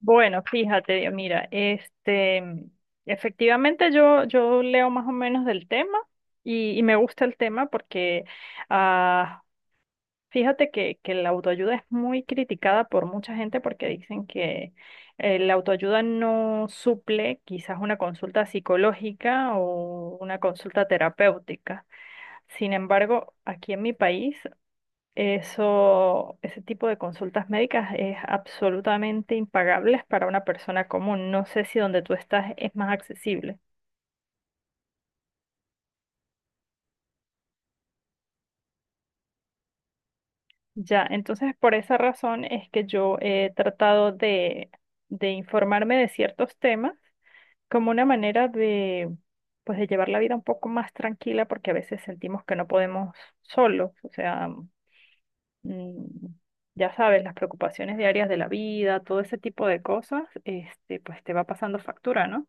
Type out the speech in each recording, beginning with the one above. Bueno, fíjate, Dios, mira, efectivamente yo leo más o menos del tema y me gusta el tema porque ah, fíjate que la autoayuda es muy criticada por mucha gente porque dicen que la autoayuda no suple quizás una consulta psicológica o una consulta terapéutica. Sin embargo, aquí en mi país eso, ese tipo de consultas médicas es absolutamente impagable para una persona común. No sé si donde tú estás es más accesible. Ya, entonces por esa razón es que yo he tratado de informarme de ciertos temas como una manera de, pues, de llevar la vida un poco más tranquila porque a veces sentimos que no podemos solos. O sea, mm, ya sabes, las preocupaciones diarias de la vida, todo ese tipo de cosas, pues te va pasando factura, ¿no?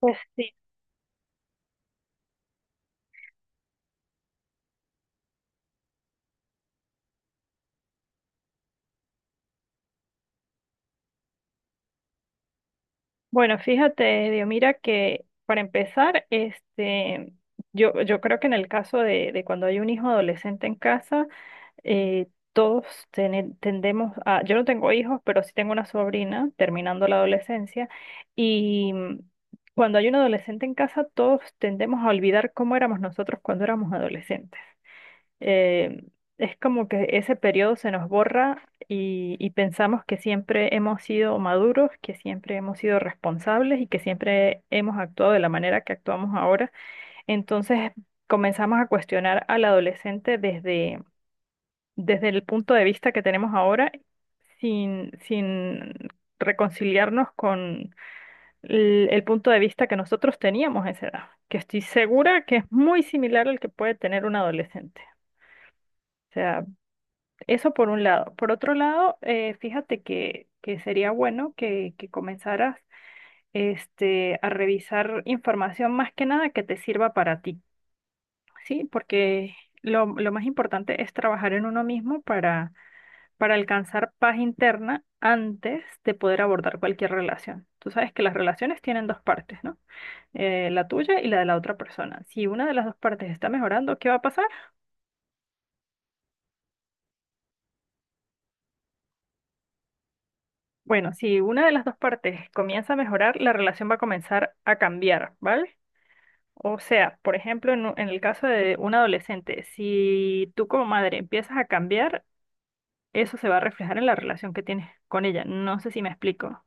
Pues sí. Bueno, fíjate, Dios, mira que para empezar, yo creo que en el caso de cuando hay un hijo adolescente en casa, eh, todos tendemos a, yo no tengo hijos, pero sí tengo una sobrina terminando la adolescencia, y cuando hay un adolescente en casa, todos tendemos a olvidar cómo éramos nosotros cuando éramos adolescentes. Eh, es como que ese periodo se nos borra y pensamos que siempre hemos sido maduros, que siempre hemos sido responsables y que siempre hemos actuado de la manera que actuamos ahora. Entonces comenzamos a cuestionar al adolescente desde, desde el punto de vista que tenemos ahora, sin reconciliarnos con el punto de vista que nosotros teníamos a esa edad, que estoy segura que es muy similar al que puede tener un adolescente. O sea, eso por un lado. Por otro lado, fíjate que sería bueno que comenzaras a revisar información más que nada que te sirva para ti, ¿sí? Porque lo más importante es trabajar en uno mismo para alcanzar paz interna antes de poder abordar cualquier relación. Tú sabes que las relaciones tienen dos partes, ¿no? La tuya y la de la otra persona. Si una de las dos partes está mejorando, ¿qué va a pasar? Bueno, si una de las dos partes comienza a mejorar, la relación va a comenzar a cambiar, ¿vale? O sea, por ejemplo, en el caso de un adolescente, si tú como madre empiezas a cambiar, eso se va a reflejar en la relación que tienes con ella. No sé si me explico.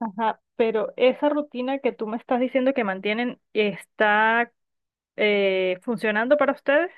Ajá, pero esa rutina que tú me estás diciendo que mantienen está funcionando para ustedes.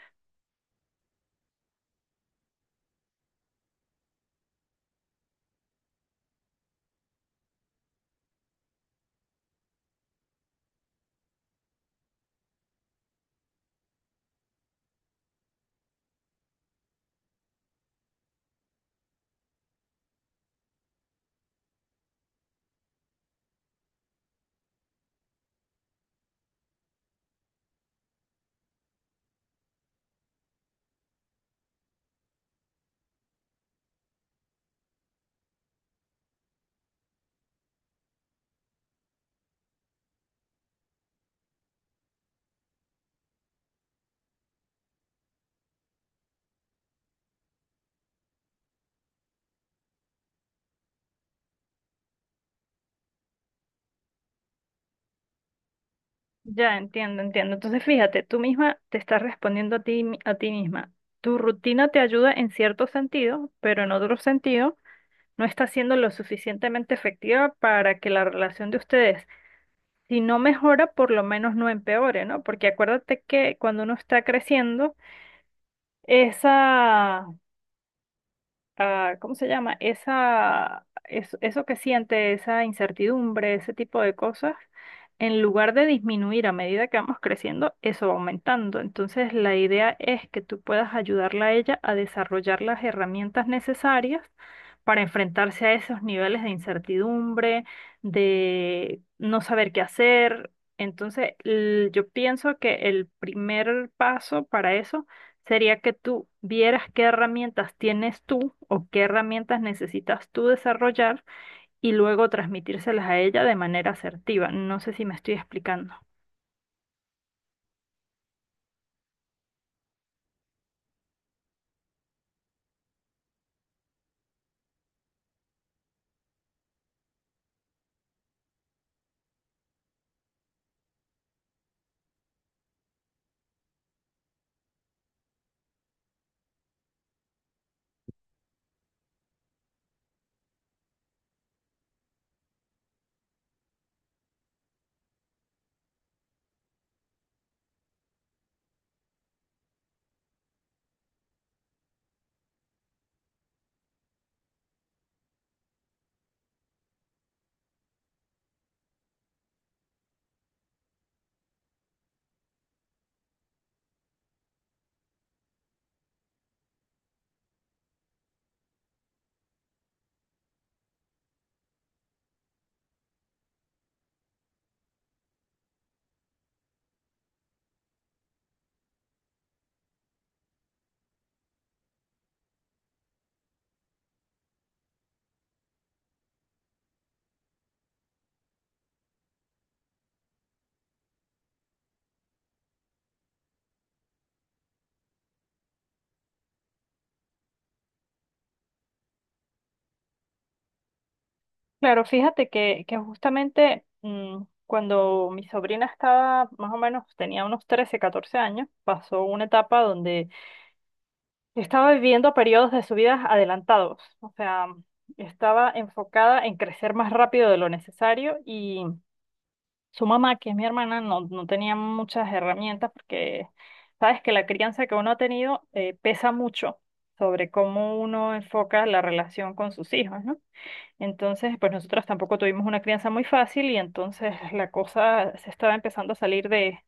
Ya entiendo, entiendo. Entonces, fíjate, tú misma te estás respondiendo a ti, a ti misma. Tu rutina te ayuda en cierto sentido, pero en otro sentido no está siendo lo suficientemente efectiva para que la relación de ustedes, si no mejora, por lo menos no empeore, ¿no? Porque acuérdate que cuando uno está creciendo, esa ¿cómo se llama? Esa, eso que siente, esa incertidumbre, ese tipo de cosas, en lugar de disminuir a medida que vamos creciendo, eso va aumentando. Entonces, la idea es que tú puedas ayudarla a ella a desarrollar las herramientas necesarias para enfrentarse a esos niveles de incertidumbre, de no saber qué hacer. Entonces, yo pienso que el primer paso para eso sería que tú vieras qué herramientas tienes tú o qué herramientas necesitas tú desarrollar y luego transmitírselas a ella de manera asertiva. No sé si me estoy explicando. Claro, fíjate que justamente cuando mi sobrina estaba más o menos, tenía unos 13, 14 años, pasó una etapa donde estaba viviendo periodos de su vida adelantados, o sea, estaba enfocada en crecer más rápido de lo necesario y su mamá, que es mi hermana, no tenía muchas herramientas porque sabes que la crianza que uno ha tenido pesa mucho sobre cómo uno enfoca la relación con sus hijos, ¿no? Entonces, pues nosotros tampoco tuvimos una crianza muy fácil y entonces la cosa se estaba empezando a salir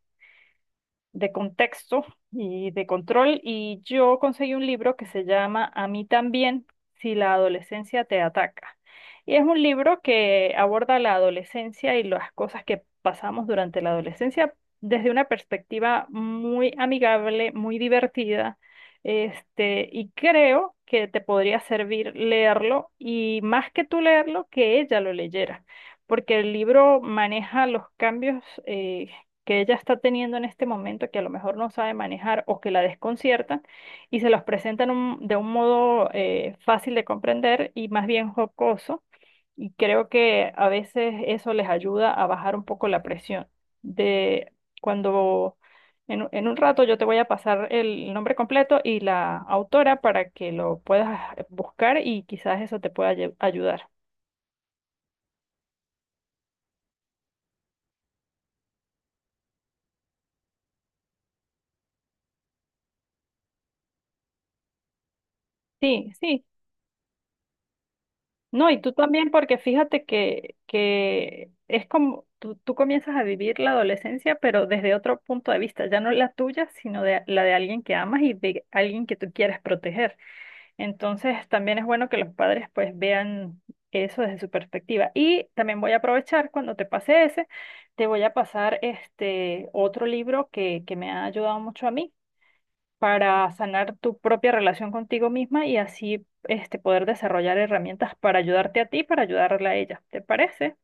de contexto y de control y yo conseguí un libro que se llama A mí también, si la adolescencia te ataca. Y es un libro que aborda la adolescencia y las cosas que pasamos durante la adolescencia desde una perspectiva muy amigable, muy divertida. Y creo que te podría servir leerlo y más que tú leerlo, que ella lo leyera, porque el libro maneja los cambios que ella está teniendo en este momento, que a lo mejor no sabe manejar o que la desconciertan, y se los presentan de un modo fácil de comprender y más bien jocoso, y creo que a veces eso les ayuda a bajar un poco la presión de cuando... en un rato yo te voy a pasar el nombre completo y la autora para que lo puedas buscar y quizás eso te pueda ayudar. Sí, sí. No, y tú también, porque fíjate que es como tú comienzas a vivir la adolescencia, pero desde otro punto de vista, ya no la tuya, sino de, la de alguien que amas y de alguien que tú quieres proteger. Entonces, también es bueno que los padres pues vean eso desde su perspectiva. Y también voy a aprovechar cuando te pase ese, te voy a pasar este otro libro que me ha ayudado mucho a mí para sanar tu propia relación contigo misma y así poder desarrollar herramientas para ayudarte a ti, para ayudarle a ella. ¿Te parece?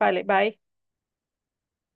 Vale, bye.